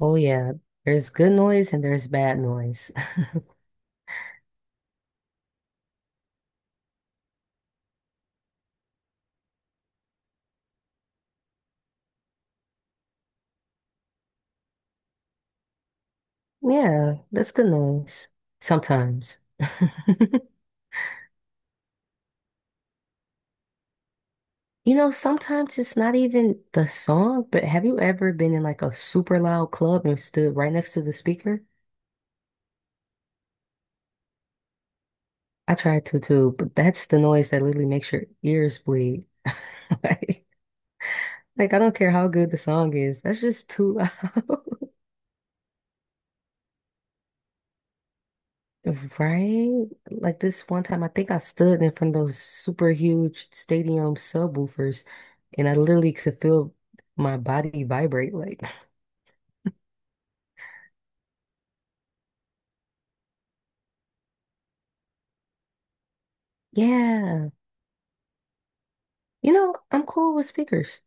Oh yeah, there's good noise and there's bad noise. Yeah, that's good noise. Sometimes. You know, sometimes it's not even the song, but have you ever been in like a super loud club and stood right next to the speaker? I tried to too, but that's the noise that literally makes your ears bleed. Like, like, I don't care how good the song is, that's just too loud. Right? Like this one time, I think I stood in front of those super huge stadium subwoofers and I literally could feel my body vibrate. Like, yeah, you know, I'm cool with speakers.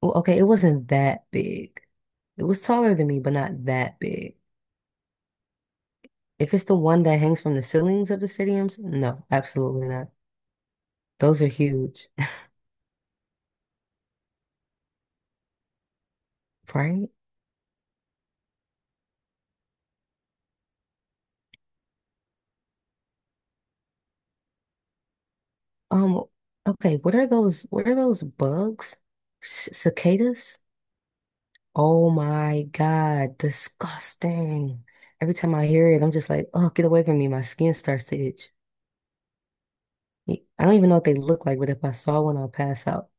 Well, okay, it wasn't that big. It was taller than me, but not that big. If it's the one that hangs from the ceilings of the stadiums, no, absolutely not. Those are huge, right? Um, okay, what are those? What are those bugs? Cicadas? Oh my God, disgusting. Every time I hear it, I'm just like, oh, get away from me. My skin starts to itch. I don't even know what they look like, but if I saw one, I'll pass out.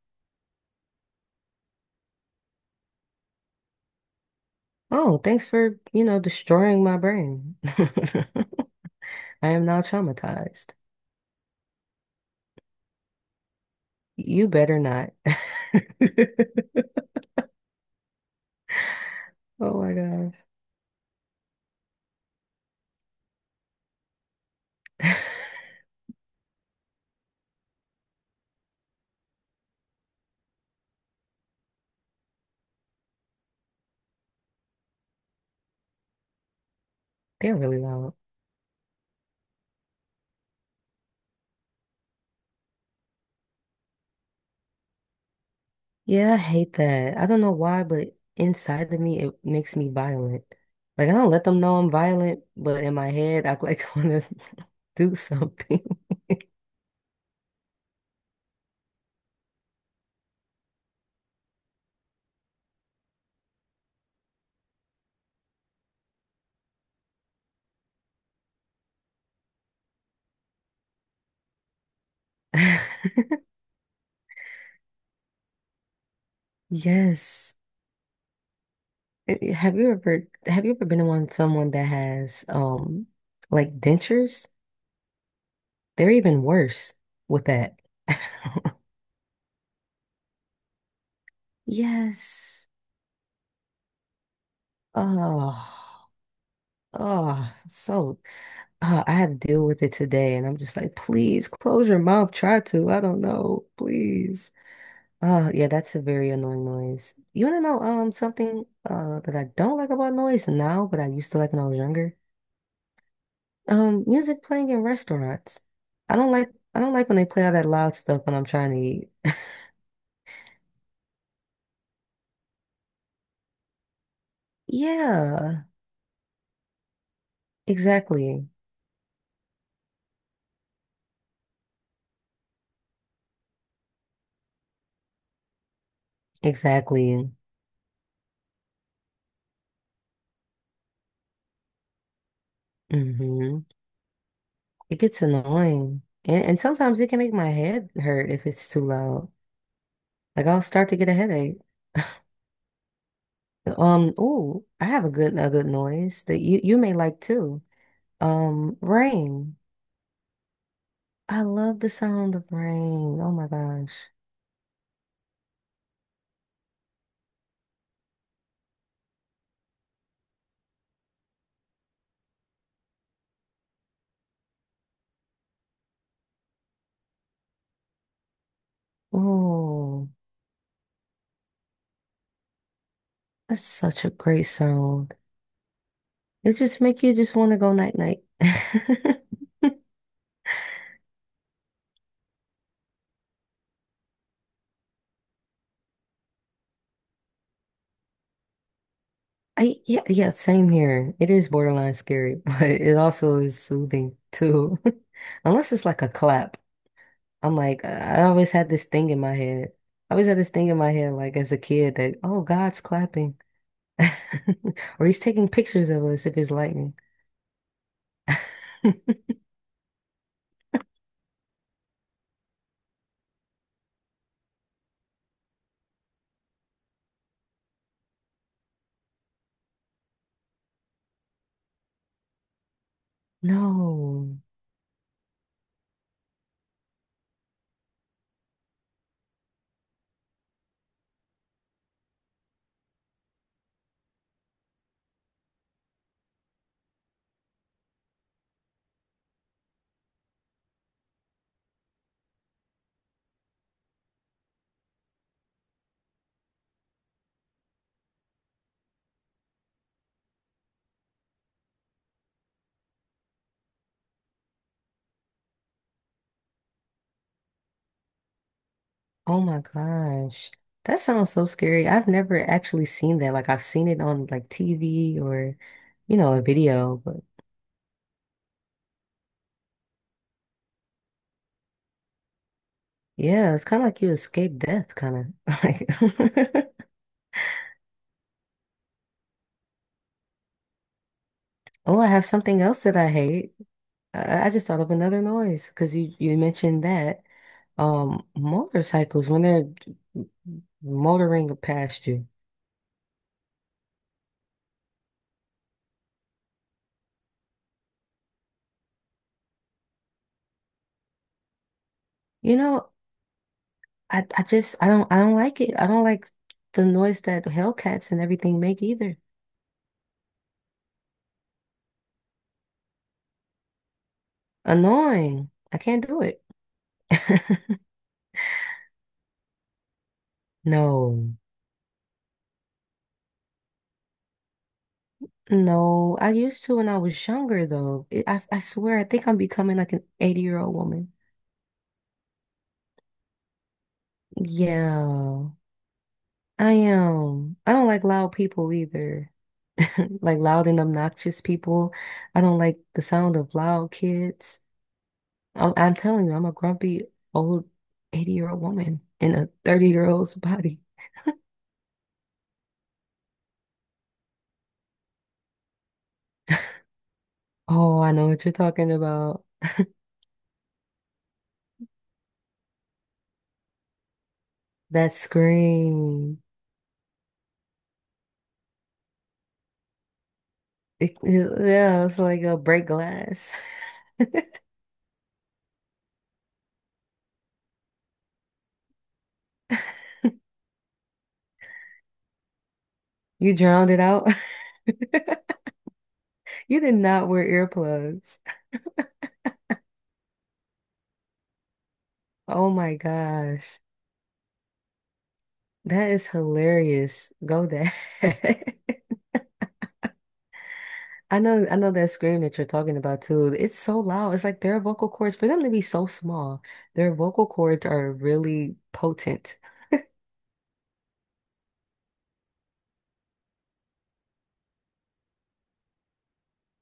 Oh, thanks for destroying my brain. I am now traumatized. You better not. Oh my gosh. They're really loud. Yeah, I hate that. I don't know why, but inside of me, it makes me violent. Like, I don't let them know I'm violent, but in my head, I like want to do something. Yes. Have you ever been around someone that has like dentures? They're even worse with that. Yes. Oh, oh, so. Oh, I had to deal with it today, and I'm just like, please close your mouth. Try to. I don't know. Please. Oh, yeah, that's a very annoying noise. You want to know something that I don't like about noise now, but I used to like when I was younger? Music playing in restaurants. I don't like I don't like when they play all that loud stuff when I'm trying to eat. Yeah, exactly. Exactly. Mm-hmm. It gets annoying. And sometimes it can make my head hurt if it's too loud. Like I'll start to get a headache. Oh, I have a good noise that you may like too. Rain. I love the sound of rain. Oh my gosh. Oh, that's such a great sound. It just make you just want to go night night. I Yeah, yeah, same here. It is borderline scary, but it also is soothing too. Unless it's like a clap. I'm like, I always had this thing in my head. I always had this thing in my head, like as a kid, that, oh, God's clapping. Or he's taking pictures of us if it's lightning. No. Oh my gosh. That sounds so scary. I've never actually seen that. Like I've seen it on like TV or, you know, a video, but yeah, it's kind of like you escape death, kind of like. Oh, I have something else that I hate. I just thought of another noise because you mentioned that motorcycles when they're motoring past you. You know, I just I don't like it. I don't like the noise that Hellcats and everything make either. Annoying. I can't do it. No. No, I used to when I was younger though. It, I swear I think I'm becoming like an 80-year-old woman. Yeah, I am. I don't like loud people either. Like loud and obnoxious people. I don't like the sound of loud kids. I'm telling you, I'm a grumpy old 80-year-old woman in a 30-year-old's body. Oh, I know what you're talking about. That scream. Yeah, it's like a break glass. You drowned it out. You did not wear earplugs. Oh my gosh. That is hilarious. Go there. I know that scream that you're talking about too. It's so loud. It's like their vocal cords, for them to be so small, their vocal cords are really potent.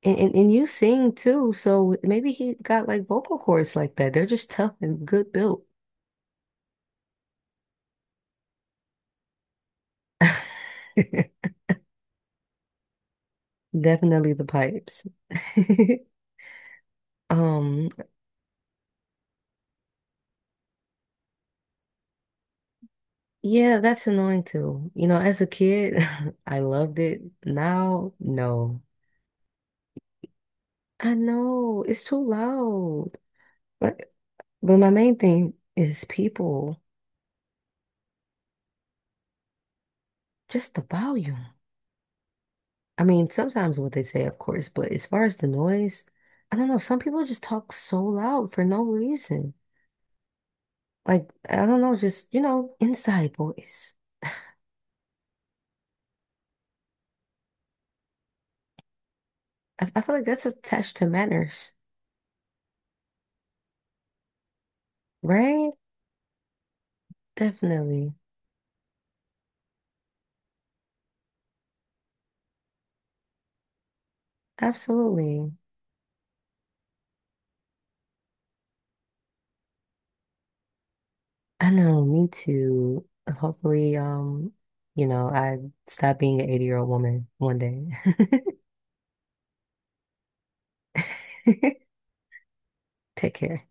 And you sing too, so maybe he got like vocal cords like that. They're just tough and good built. Definitely the pipes. Um, yeah, that's annoying too. You know, as a kid, I loved it. Now, no. I know it's too loud. But but my main thing is people, just the volume. I mean, sometimes what they say, of course, but as far as the noise, I don't know. Some people just talk so loud for no reason. Like, I don't know, just, you know, inside voice. I feel like that's attached to manners, right? Definitely. Absolutely. I know, me too. Hopefully, you know, I stop being an 80-year-old woman one day. Take care.